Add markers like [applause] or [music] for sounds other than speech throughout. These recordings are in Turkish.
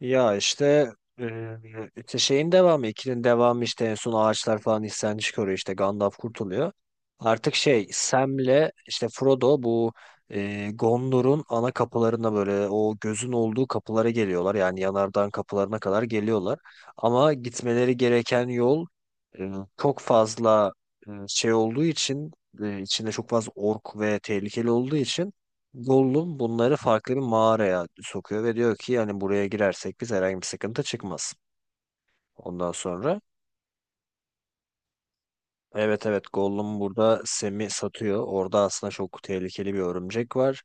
Ya işte e, işte şeyin devamı, ikinin devamı işte en son ağaçlar falan isyan çıkarıyor, işte Gandalf kurtuluyor. Artık şey Sam'le işte Frodo bu Gondor'un ana kapılarına, böyle o gözün olduğu kapılara geliyorlar. Yani yanardağın kapılarına kadar geliyorlar. Ama gitmeleri gereken yol e, çok fazla şey olduğu için, içinde çok fazla ork ve tehlikeli olduğu için Gollum bunları farklı bir mağaraya sokuyor ve diyor ki yani buraya girersek biz herhangi bir sıkıntı çıkmaz. Ondan sonra evet, evet, Gollum burada Sam'i satıyor. Orada aslında çok tehlikeli bir örümcek var.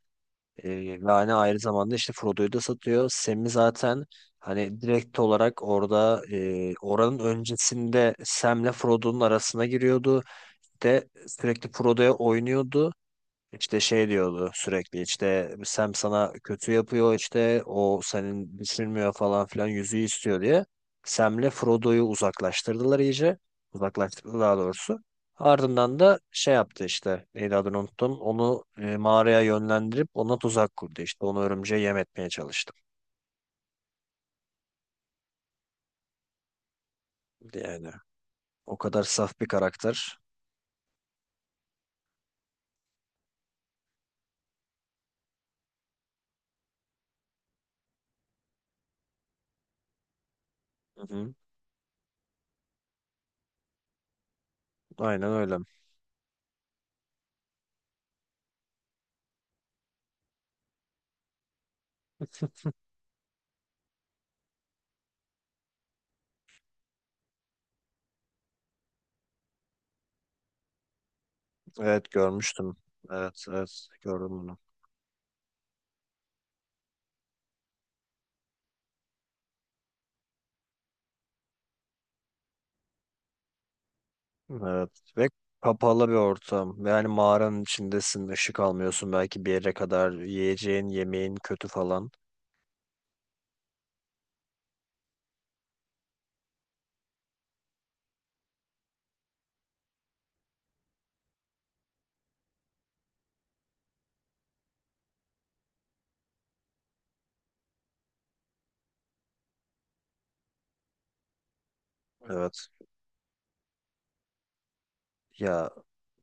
Ve hani aynı zamanda işte Frodo'yu da satıyor. Sam'i zaten hani direkt olarak orada, oranın öncesinde Sam'le Frodo'nun arasına giriyordu. De sürekli Frodo'ya oynuyordu. İşte şey diyordu sürekli, işte Sam sana kötü yapıyor, işte o senin düşünmüyor falan filan, yüzüğü istiyor diye. Sam'le Frodo'yu uzaklaştırdılar iyice. Uzaklaştırdı daha doğrusu. Ardından da şey yaptı, işte neydi, adını unuttum. Onu mağaraya yönlendirip ona tuzak kurdu işte. Onu örümceğe yem etmeye çalıştı. Yani o kadar saf bir karakter. Hı hı. Aynen öyle. Evet, görmüştüm. Evet, evet, gördüm bunu. Evet. Ve kapalı bir ortam. Yani mağaranın içindesin, ışık almıyorsun belki bir yere kadar. Yiyeceğin, yemeğin kötü falan. Evet. Ya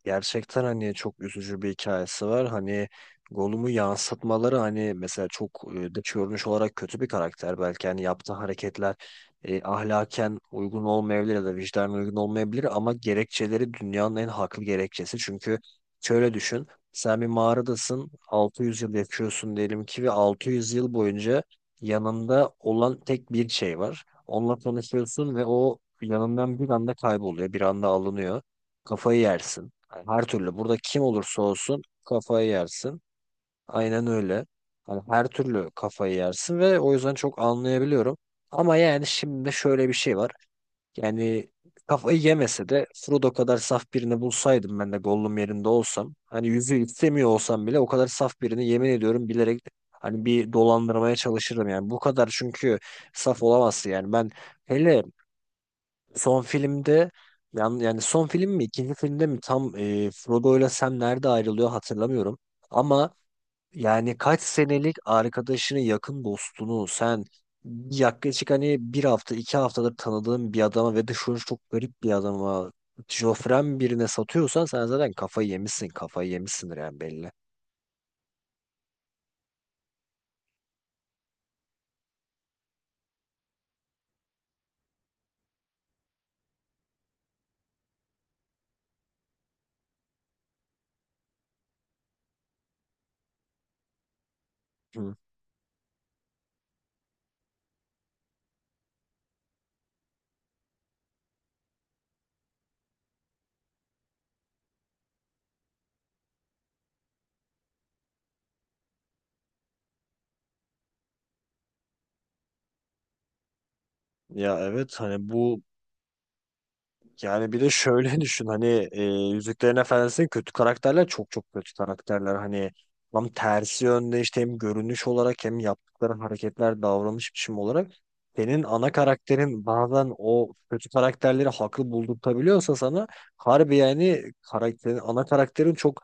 gerçekten hani çok üzücü bir hikayesi var. Hani Gollum'u yansıtmaları, hani mesela çok dış görünüş olarak kötü bir karakter. Belki hani yaptığı hareketler ahlaken uygun olmayabilir ya da vicdanen uygun olmayabilir ama gerekçeleri dünyanın en haklı gerekçesi. Çünkü şöyle düşün. Sen bir mağaradasın, 600 yıl yaşıyorsun diyelim ki ve 600 yıl boyunca yanında olan tek bir şey var. Onunla tanışıyorsun ve o yanından bir anda kayboluyor, bir anda alınıyor. Kafayı yersin. Hani her türlü, burada kim olursa olsun kafayı yersin. Aynen öyle. Hani her türlü kafayı yersin ve o yüzden çok anlayabiliyorum. Ama yani şimdi şöyle bir şey var. Yani kafayı yemese de Frodo kadar saf birini bulsaydım ben de, Gollum yerinde olsam. Hani yüzü istemiyor olsam bile o kadar saf birini, yemin ediyorum, bilerek hani bir dolandırmaya çalışırdım, yani. Bu kadar, çünkü saf olamazsın yani. Ben hele son filmde yani son film mi ikinci filmde mi tam, Frodo ile Sam nerede ayrılıyor hatırlamıyorum. Ama yani kaç senelik arkadaşını, yakın dostunu sen yaklaşık hani bir hafta 2 haftadır tanıdığın bir adama ve dışarı çok garip bir adama, şofren birine satıyorsan sen zaten kafayı yemişsin, kafayı yemişsindir yani, belli. Hı. Ya evet, hani bu. Yani bir de şöyle [laughs] düşün, hani, Yüzüklerin Efendisi'nin kötü karakterler çok çok kötü karakterler. Hani tam tersi yönde işte, hem görünüş olarak hem yaptıkları hareketler, davranış biçimi olarak senin ana karakterin bazen o kötü karakterleri haklı buldurtabiliyorsa sana, harbi yani ana karakterin çok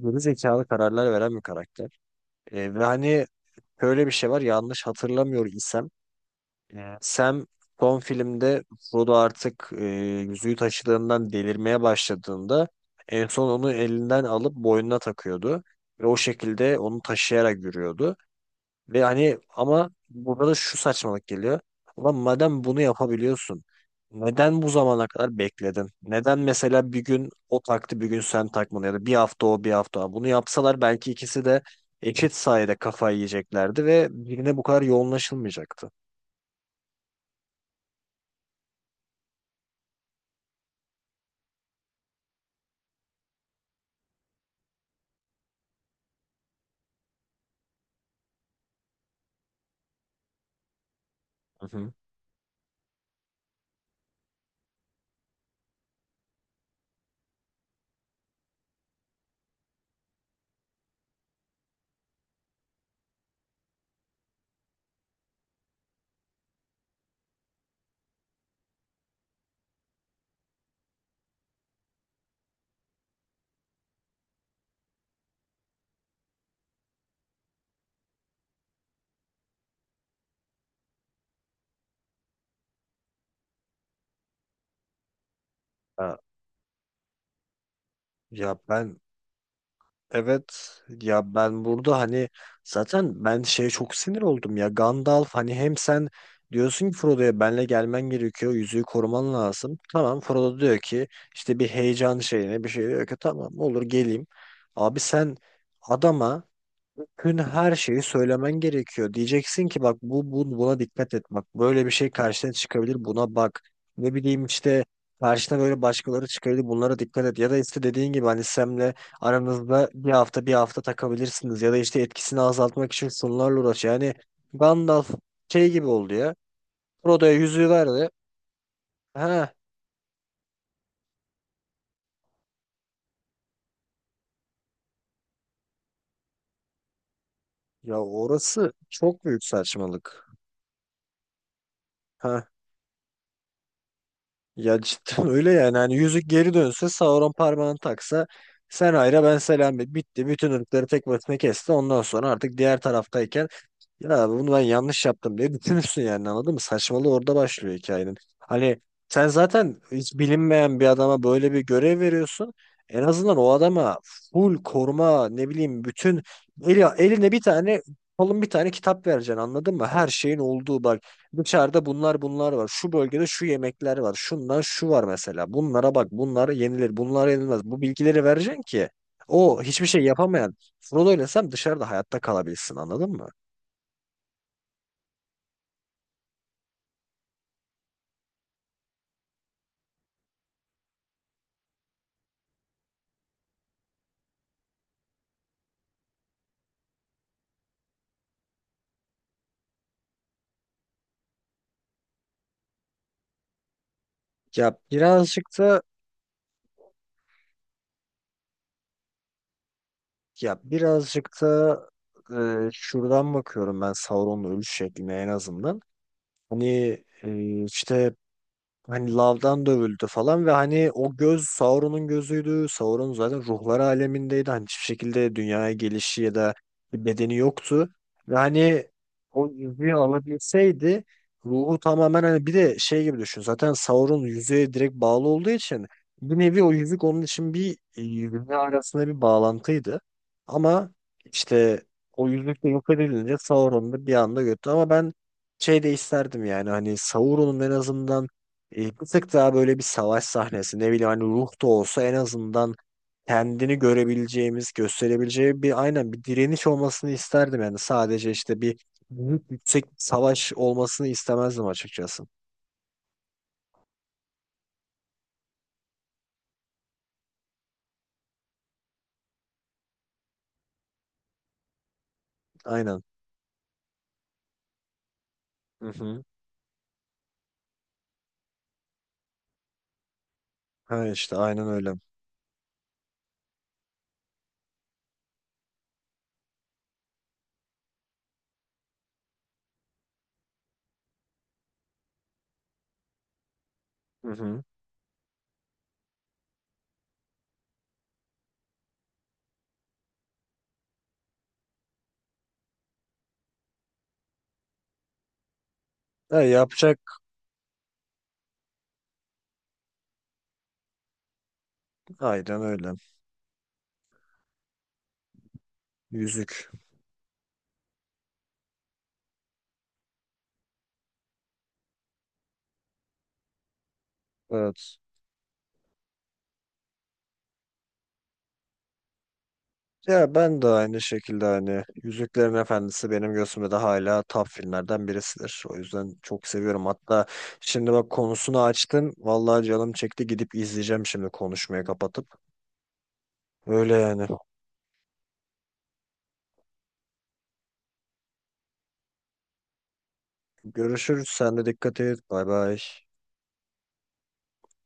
geri zekalı kararlar veren bir karakter. Ve hani böyle bir şey var, yanlış hatırlamıyor isem Sam son filmde, Frodo artık yüzüğü taşıdığından delirmeye başladığında en son onu elinden alıp boynuna takıyordu. Ve o şekilde onu taşıyarak yürüyordu. Ve hani ama burada da şu saçmalık geliyor. Ulan madem bunu yapabiliyorsun, neden bu zamana kadar bekledin? Neden mesela bir gün o taktı bir gün sen takmadın, ya da bir hafta o bir hafta o? Bunu yapsalar belki ikisi de eşit sayede kafayı yiyeceklerdi ve birine bu kadar yoğunlaşılmayacaktı. Hı hı. Ya ben evet ya ben burada hani, zaten ben şeye çok sinir oldum ya, Gandalf hani, hem sen diyorsun ki Frodo'ya, benle gelmen gerekiyor, yüzüğü koruman lazım. Tamam, Frodo diyor ki işte bir heyecan şeyine bir şey, diyor ki tamam olur geleyim. Abi sen adama tüm her şeyi söylemen gerekiyor. Diyeceksin ki bak bu, buna dikkat et, bak böyle bir şey karşına çıkabilir, buna bak. Ne bileyim işte karşına böyle başkaları çıkabilir, bunlara dikkat et. Ya da işte dediğin gibi hani Sem'le aranızda bir hafta bir hafta takabilirsiniz. Ya da işte etkisini azaltmak için sunularla uğraş. Yani Gandalf şey gibi oldu ya. Frodo'ya yüzüğü verdi. Ha, ya orası çok büyük saçmalık. Ya cidden [laughs] öyle yani. Hani yüzük geri dönse, Sauron parmağını taksa, sen hayra ben selam et. Bitti. Bütün ırkları tek başına kesti. Ondan sonra artık diğer taraftayken ya bunu ben yanlış yaptım diye düşünürsün yani, anladın mı? Saçmalığı orada başlıyor hikayenin. Hani sen zaten hiç bilinmeyen bir adama böyle bir görev veriyorsun. En azından o adama full koruma, ne bileyim, bütün eline bir tane kalın bir tane kitap vereceksin, anladın mı? Her şeyin olduğu, bak dışarıda bunlar var. Şu bölgede şu yemekler var. Şundan şu var mesela. Bunlara bak, bunlar yenilir bunlar yenilmez. Bu bilgileri vereceksin ki o hiçbir şey yapamayan Frodo ile Sam dışarıda hayatta kalabilsin, anladın mı? Ya birazcık da ya birazcık da şuradan bakıyorum ben Sauron'un ölüş şekline, en azından. Hani, işte hani lavdan dövüldü falan ve hani o göz Sauron'un gözüydü. Sauron zaten ruhlar alemindeydi. Hani hiçbir şekilde dünyaya gelişi ya da bir bedeni yoktu. Ve hani o yüzüğü alabilseydi ruhu tamamen, hani bir de şey gibi düşün. Zaten Sauron yüzüğe direkt bağlı olduğu için bir nevi o yüzük onun için bir, yüzüğü arasında bir bağlantıydı. Ama işte o yüzük de yok edilince Sauron da bir anda götü. Ama ben şey de isterdim yani, hani Sauron'un en azından bir tık daha böyle bir savaş sahnesi, ne bileyim hani ruh da olsa en azından kendini görebileceğimiz, gösterebileceği bir, aynen, bir direniş olmasını isterdim. Yani sadece işte bir büyük yüksek bir savaş olmasını istemezdim açıkçası. Aynen. Hı hı. Ha, işte aynen öyle. Hı hı. Ha, aynen öyle. Yüzük. Evet. Ya ben de aynı şekilde hani Yüzüklerin Efendisi benim gözümde de hala top filmlerden birisidir. O yüzden çok seviyorum. Hatta şimdi bak, konusunu açtın. Vallahi canım çekti, gidip izleyeceğim şimdi, konuşmayı kapatıp. Öyle yani. Görüşürüz. Sen de dikkat et. Bay bay.